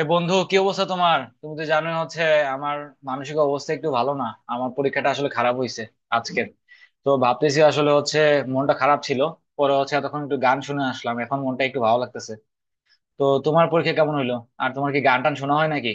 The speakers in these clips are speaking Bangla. এ বন্ধু, কি অবস্থা তোমার? তুমি তো জানোই হচ্ছে আমার মানসিক অবস্থা একটু ভালো না। আমার পরীক্ষাটা আসলে খারাপ হয়েছে আজকের। তো ভাবতেছি আসলে হচ্ছে মনটা খারাপ ছিল, পরে হচ্ছে তখন একটু গান শুনে আসলাম, এখন মনটা একটু ভালো লাগতেছে। তো তোমার পরীক্ষা কেমন হইলো? আর তোমার কি গান টান শোনা হয় নাকি?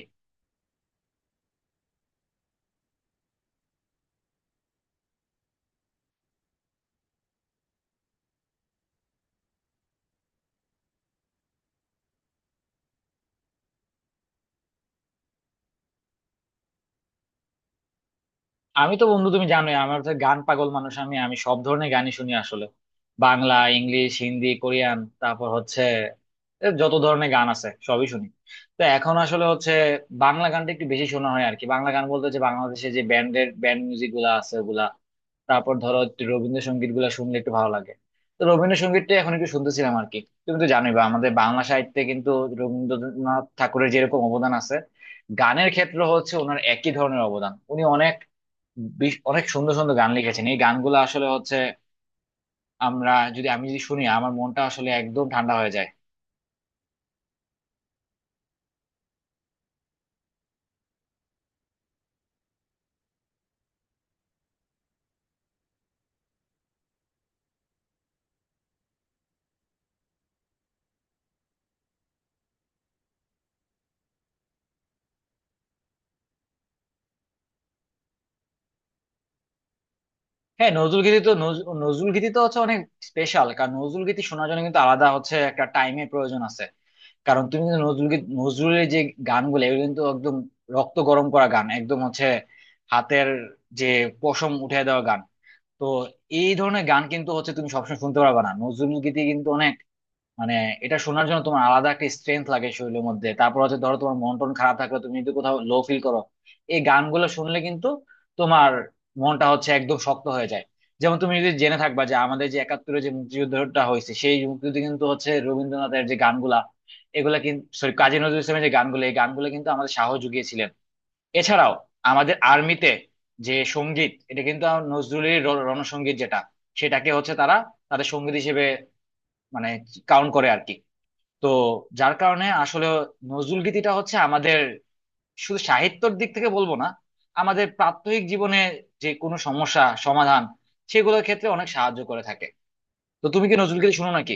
আমি তো বন্ধু তুমি জানোই আমার হচ্ছে গান পাগল মানুষ। আমি আমি সব ধরনের গানই শুনি আসলে। বাংলা, ইংলিশ, হিন্দি, কোরিয়ান, তারপর হচ্ছে এ যত ধরনের গান আছে সবই শুনি। তো এখন আসলে হচ্ছে বাংলা গানটা একটু বেশি শোনা হয় আর কি। বাংলা গান বলতে হচ্ছে বাংলাদেশে যে ব্যান্ডের ব্যান্ড মিউজিক গুলা আছে ওগুলা। তারপর ধরো একটু রবীন্দ্রসঙ্গীত গুলা শুনলে একটু ভালো লাগে। তো রবীন্দ্রসঙ্গীতটা এখন একটু শুনতেছিলাম আর কি। তুমি তো জানোই বা আমাদের বাংলা সাহিত্যে কিন্তু রবীন্দ্রনাথ ঠাকুরের যেরকম অবদান আছে, গানের ক্ষেত্রে হচ্ছে ওনার একই ধরনের অবদান। উনি অনেক, বেশ অনেক সুন্দর সুন্দর গান লিখেছেন। এই গানগুলো আসলে হচ্ছে আমরা যদি আমি যদি শুনি আমার মনটা আসলে একদম ঠান্ডা হয়ে যায়। হ্যাঁ, নজরুল গীতি তো নজরুল গীতি তো হচ্ছে অনেক স্পেশাল। কারণ নজরুল গীতি শোনার জন্য কিন্তু আলাদা হচ্ছে একটা টাইমের প্রয়োজন আছে। কারণ তুমি কিন্তু নজরুল গীত, নজরুলের যে গানগুলো এগুলো কিন্তু একদম রক্ত গরম করা গান, একদম হচ্ছে হাতের যে পশম উঠে দেওয়া গান। তো এই ধরনের গান কিন্তু হচ্ছে তুমি সবসময় শুনতে পারবে না নজরুল গীতি কিন্তু, মানে এটা শোনার জন্য তোমার আলাদা একটা স্ট্রেংথ লাগে শরীরের মধ্যে। তারপর হচ্ছে ধরো তোমার মন টন খারাপ থাকলে তুমি যদি কোথাও লো ফিল করো, এই গানগুলো শুনলে কিন্তু তোমার মনটা হচ্ছে একদম শক্ত হয়ে যায়। যেমন তুমি যদি জেনে থাকবা যে আমাদের যে একাত্তরে যে মুক্তিযুদ্ধটা হয়েছে, সেই মুক্তিযুদ্ধে কিন্তু হচ্ছে রবীন্দ্রনাথের যে গানগুলা, এগুলা কিন্তু, সরি, কাজী নজরুল ইসলামের যে গানগুলো, এই গানগুলো কিন্তু আমাদের সাহস জুগিয়েছিলেন। এছাড়াও আমাদের আর্মিতে যে সঙ্গীত, এটা কিন্তু আমার নজরুলের রণসঙ্গীত যেটা, সেটাকে হচ্ছে তারা তাদের সঙ্গীত হিসেবে, মানে, কাউন্ট করে আর কি। তো যার কারণে আসলে নজরুল গীতিটা হচ্ছে আমাদের শুধু সাহিত্যর দিক থেকে বলবো না, আমাদের প্রাত্যহিক জীবনে যে কোনো সমস্যা সমাধান সেগুলোর ক্ষেত্রে অনেক সাহায্য করে থাকে। তো তুমি কি নজরুল গীতি শুনো নাকি?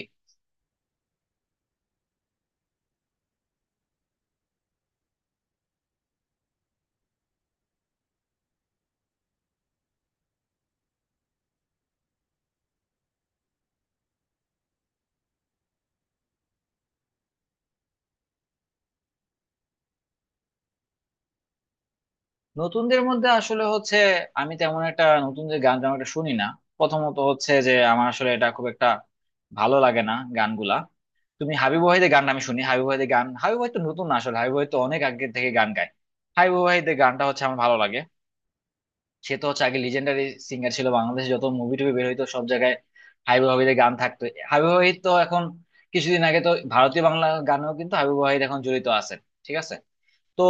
নতুনদের মধ্যে আসলে হচ্ছে আমি তেমন একটা নতুন যে গান তেমন একটা শুনি না। প্রথমত হচ্ছে যে আমার আসলে এটা খুব একটা ভালো লাগে না গানগুলা। তুমি হাবিব ওয়াহিদের গান আমি শুনি, হাবিব ওয়াহিদের গান, হাবিব ওয়াহিদ তো নতুন না আসলে। হাবিব ওয়াহিদ তো অনেক আগে থেকে গান গায়। হাবিব ওয়াহিদের গানটা হচ্ছে আমার ভালো লাগে। সে তো হচ্ছে আগে লিজেন্ডারি সিঙ্গার ছিল, বাংলাদেশে যত মুভি টুভি বের হইতো সব জায়গায় হাবিব ওয়াহিদের গান থাকতো। হাবিব ওয়াহিদ তো এখন কিছুদিন আগে তো ভারতীয় বাংলা গানেও কিন্তু হাবিব ওয়াহিদ এখন জড়িত আছে। ঠিক আছে। তো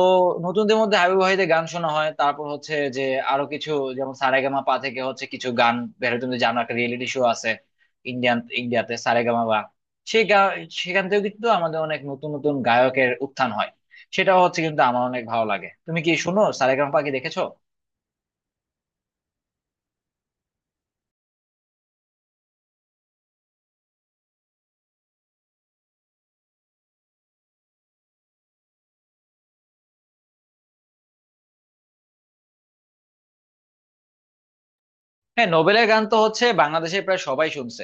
নতুনদের মধ্যে হাবিব ওয়াহিদের গান শোনা হয়। তারপর হচ্ছে যে আরো কিছু, যেমন সারেগামা পা থেকে হচ্ছে কিছু গান বের হয়। তুমি জানো একটা রিয়েলিটি শো আছে ইন্ডিয়ান, ইন্ডিয়াতে সারেগামা বা, সেই গা- সেখান থেকেও কিন্তু আমাদের অনেক নতুন নতুন গায়কের উত্থান হয়। সেটাও হচ্ছে কিন্তু আমার অনেক ভালো লাগে। তুমি কি শুনো, সারেগামা পা কি দেখেছো? হ্যাঁ, নোবেলের গান তো হচ্ছে বাংলাদেশে প্রায় সবাই শুনছে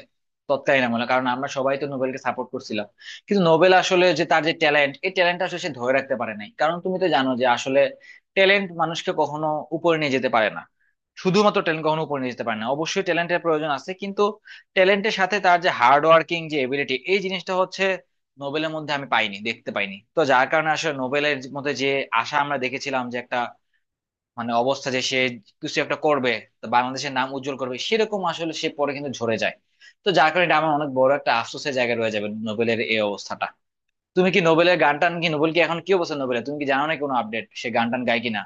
তৎকালীন আমলে, কারণ আমরা সবাই তো নোবেলকে সাপোর্ট করছিলাম। কিন্তু নোবেল আসলে যে তার যে ট্যালেন্ট, এই ট্যালেন্টটা আসলে সে ধরে রাখতে পারে নাই, কারণ তুমি তো জানো যে আসলে ট্যালেন্ট মানুষকে কখনো উপরে নিয়ে যেতে পারে না, শুধুমাত্র ট্যালেন্ট কখনো উপরে নিয়ে যেতে পারে না। অবশ্যই ট্যালেন্টের প্রয়োজন আছে কিন্তু ট্যালেন্টের সাথে তার যে হার্ড ওয়ার্কিং যে এবিলিটি এই জিনিসটা হচ্ছে নোবেলের মধ্যে আমি পাইনি, দেখতে পাইনি। তো যার কারণে আসলে নোবেলের মধ্যে যে আশা আমরা দেখেছিলাম যে একটা, মানে, অবস্থা যে সে কিছু একটা করবে, তো বাংলাদেশের নাম উজ্জ্বল করবে, সেরকম আসলে সে পরে কিন্তু ঝরে যায়। তো যার কারণে এটা আমার অনেক বড় একটা আফসোসের জায়গায় রয়ে যাবে নোবেলের এই অবস্থাটা। তুমি কি নোবেলের গান টান, কি নোবেল কি এখন কি অবস্থা নোবেলের, তুমি কি জানো না কোনো আপডেট? সে গান টান গায় কিনা?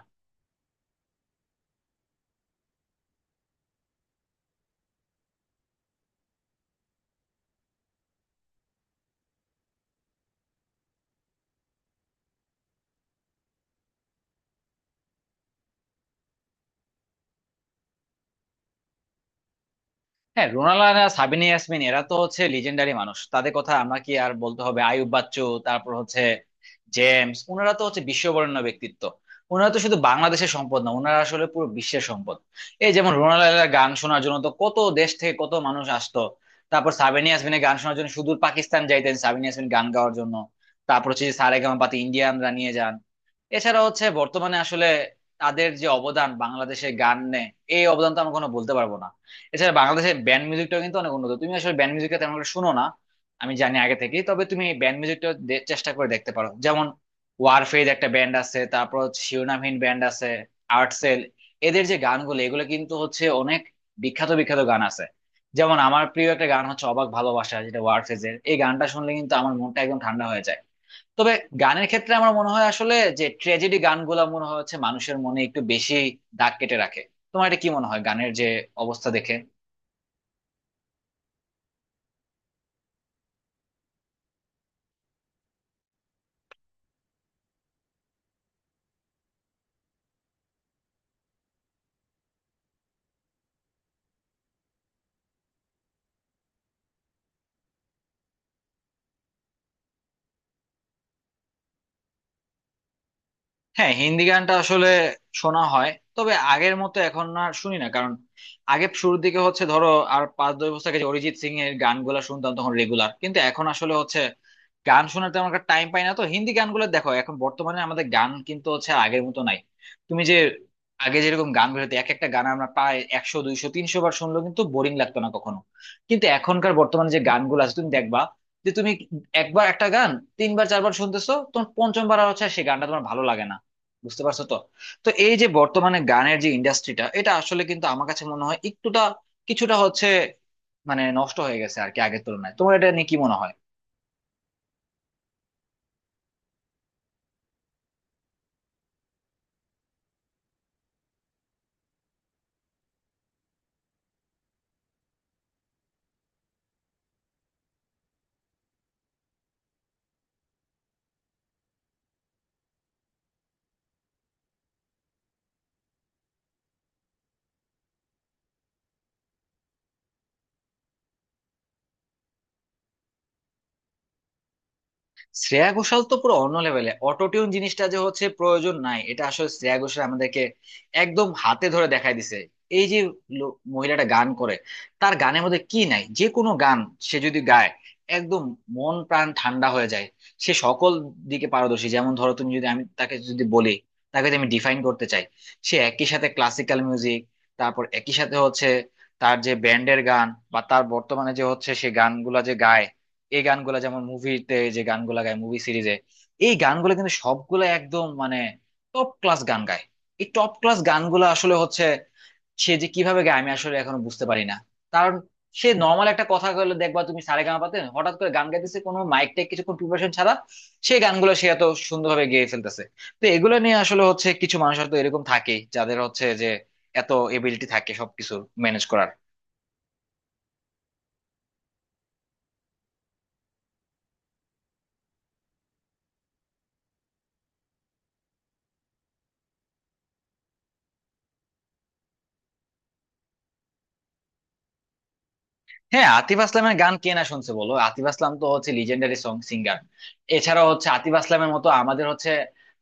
হ্যাঁ, রোনাল আর সাবিনা ইয়াসমিন এরা তো হচ্ছে লিজেন্ডারি মানুষ, তাদের কথা আমরা কি আর বলতে হবে? আইয়ুব বাচ্চু, তারপর হচ্ছে জেমস, ওনারা তো হচ্ছে বিশ্ববরেণ্য ব্যক্তিত্ব। ওনারা তো শুধু বাংলাদেশের সম্পদ না, ওনারা আসলে পুরো বিশ্বের সম্পদ। এই যেমন রোনাল আলার গান শোনার জন্য তো কত দেশ থেকে কত মানুষ আসতো। তারপর সাবিনা ইয়াসমিনের গান শোনার জন্য সুদূর পাকিস্তান যাইতেন সাবিনা ইয়াসমিন গান গাওয়ার জন্য। তারপর হচ্ছে সারেগামা পাতি ইন্ডিয়ানরা নিয়ে যান। এছাড়া হচ্ছে বর্তমানে আসলে তাদের যে অবদান বাংলাদেশের গানে, এই অবদান তো আমরা কোনো বলতে পারবো না। এছাড়া বাংলাদেশের ব্যান্ড মিউজিকটাও কিন্তু অনেক উন্নত। তুমি আসলে ব্যান্ড মিউজিকটা তেমন একটা শুনো না আমি জানি আগে থেকেই, তবে তুমি ব্যান্ড মিউজিকটা চেষ্টা করে দেখতে পারো। যেমন ওয়ারফেজ একটা ব্যান্ড আছে, তারপর হচ্ছে শিরোনামহীন ব্যান্ড আছে, আর্টসেল, এদের যে গানগুলো এগুলো কিন্তু হচ্ছে অনেক বিখ্যাত বিখ্যাত গান আছে। যেমন আমার প্রিয় একটা গান হচ্ছে অবাক ভালোবাসা, যেটা ওয়ারফেজের, এই গানটা শুনলে কিন্তু আমার মনটা একদম ঠান্ডা হয়ে যায়। তবে গানের ক্ষেত্রে আমার মনে হয় আসলে যে ট্র্যাজেডি গানগুলো মনে হয় হচ্ছে মানুষের মনে একটু বেশি দাগ কেটে রাখে। তোমার এটা কি মনে হয় গানের যে অবস্থা দেখে? হ্যাঁ, হিন্দি গানটা আসলে শোনা হয়, তবে আগের মতো এখন আর শুনি না। কারণ আগে শুরুর দিকে হচ্ছে ধরো আর 5-10 বছর আগে যে অরিজিৎ সিং এর গানগুলা শুনতাম তখন রেগুলার, কিন্তু এখন আসলে হচ্ছে গান শোনার তেমন একটা টাইম পাই না। তো হিন্দি গানগুলো দেখো এখন বর্তমানে আমাদের গান কিন্তু হচ্ছে আর আগের মতো নাই। তুমি যে আগে যেরকম গান বেরোতো এক একটা গান আমরা প্রায় 100, 200, 300 বার শুনলেও কিন্তু বোরিং লাগতো না কখনো। কিন্তু এখনকার বর্তমানে যে গানগুলো আছে তুমি দেখবা যে তুমি একবার একটা গান তিনবার চারবার শুনতেছো, তোমার পঞ্চমবার আর হচ্ছে সেই গানটা তোমার ভালো লাগে না। বুঝতে পারছো তো? তো এই যে বর্তমানে গানের যে ইন্ডাস্ট্রিটা, এটা আসলে কিন্তু আমার কাছে মনে হয় একটুটা কিছুটা হচ্ছে, মানে, নষ্ট হয়ে গেছে আর কি আগের তুলনায়। তোমার এটা নিয়ে কি মনে হয়? শ্রেয়া ঘোষাল তো পুরো অন্য লেভেলে, অটোটিউন জিনিসটা যে হচ্ছে প্রয়োজন নাই এটা আসলে শ্রেয়া ঘোষাল আমাদেরকে একদম হাতে ধরে দেখাই দিছে। এই যে মহিলাটা গান করে, তার গানের মধ্যে কি নাই? যে কোনো গান সে যদি গায়, একদম মন প্রাণ ঠান্ডা হয়ে যায়। সে সকল দিকে পারদর্শী। যেমন ধরো তুমি যদি, আমি তাকে যদি বলি, তাকে যদি আমি ডিফাইন করতে চাই, সে একই সাথে ক্লাসিক্যাল মিউজিক, তারপর একই সাথে হচ্ছে তার যে ব্যান্ডের গান বা তার বর্তমানে যে হচ্ছে সে গানগুলা যে গায়, এই গানগুলা যেমন মুভিতে যে গানগুলা গায় মুভি সিরিজে, এই গানগুলা কিন্তু সবগুলা একদম, মানে, টপ ক্লাস গান গায়। এই টপ ক্লাস গানগুলা আসলে হচ্ছে সে যে কিভাবে গায় আমি আসলে এখনো বুঝতে পারি না। কারণ সে নর্মাল একটা কথা বলে দেখবা তুমি সারেগামাপাতে হঠাৎ করে গান গাইতেছে কোনো মাইক টাইক, কিছুক্ষণ প্রিপারেশন ছাড়া সেই গানগুলো সে এত সুন্দরভাবে গেয়ে ফেলতেছে। তো এগুলো নিয়ে আসলে হচ্ছে কিছু মানুষ হয়তো এরকম থাকে যাদের হচ্ছে যে এত এবিলিটি থাকে সবকিছু ম্যানেজ করার। হ্যাঁ, আতিফ আসলামের গান কে না শুনছে বলো? আতিফ আসলাম তো হচ্ছে লিজেন্ডারি সং সিঙ্গার। এছাড়া হচ্ছে আতিফ আসলামের মতো আমাদের হচ্ছে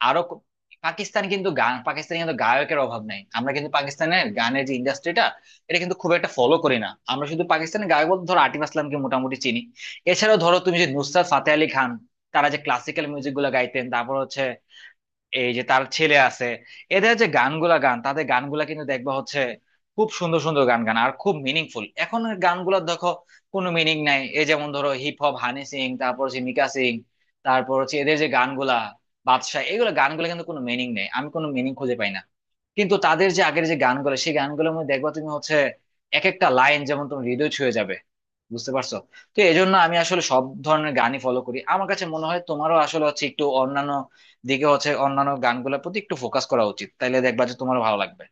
আরো পাকিস্তান কিন্তু গান, পাকিস্তানে কিন্তু গায়কের অভাব নাই। আমরা কিন্তু পাকিস্তানের গানের যে ইন্ডাস্ট্রিটা এটা কিন্তু খুব একটা ফলো করি না। আমরা শুধু পাকিস্তানের গায়ক বলতে ধরো আতিফ আসলামকে মোটামুটি চিনি। এছাড়াও ধরো তুমি যে নুসরাত ফাতে আলী খান, তারা যে ক্লাসিক্যাল মিউজিক গুলো গাইতেন, তারপর হচ্ছে এই যে তার ছেলে আছে, এদের যে গানগুলা গান, তাদের গানগুলা কিন্তু দেখবা হচ্ছে খুব সুন্দর সুন্দর গান গান, আর খুব মিনিংফুল। এখন গানগুলা দেখো কোনো মিনিং নাই, এই যেমন ধরো হিপ হপ হানি সিং, তারপর হচ্ছে মিকা সিং, তারপর হচ্ছে এদের যে গানগুলা, বাদশা, এগুলো গানগুলা কিন্তু কোনো মিনিং নেই, আমি কোনো মিনিং খুঁজে পাই না। কিন্তু তাদের যে আগের যে গানগুলো সেই গানগুলোর মধ্যে দেখবা তুমি হচ্ছে এক একটা লাইন যেমন তুমি, হৃদয় ছুঁয়ে যাবে। বুঝতে পারছো তো? এই জন্য আমি আসলে সব ধরনের গানই ফলো করি। আমার কাছে মনে হয় তোমারও আসলে হচ্ছে একটু অন্যান্য দিকে হচ্ছে অন্যান্য গানগুলোর প্রতি একটু ফোকাস করা উচিত, তাইলে দেখবা যে তোমার ভালো লাগবে।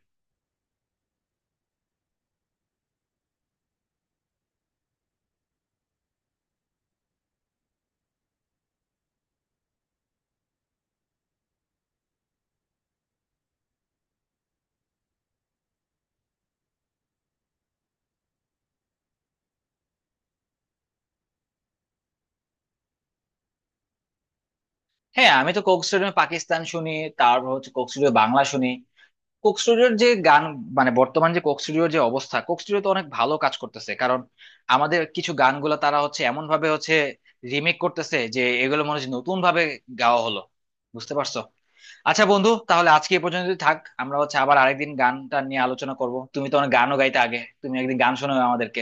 হ্যাঁ, আমি তো কোক স্টুডিও পাকিস্তান শুনি, তারপর হচ্ছে কোক স্টুডিও বাংলা শুনি। কোক স্টুডিওর যে গান, মানে, বর্তমান যে কোক স্টুডিওর যে অবস্থা, কোক স্টুডিও তো অনেক ভালো কাজ করতেছে, কারণ আমাদের কিছু গানগুলো তারা হচ্ছে এমন ভাবে হচ্ছে রিমেক করতেছে যে এগুলো মনে হচ্ছে নতুন ভাবে গাওয়া হলো। বুঝতে পারছো? আচ্ছা বন্ধু, তাহলে আজকে এ পর্যন্ত থাক। আমরা হচ্ছে আবার আরেকদিন গানটা নিয়ে আলোচনা করব। তুমি তো অনেক গানও গাইতে আগে, তুমি একদিন গান শোনাও আমাদেরকে।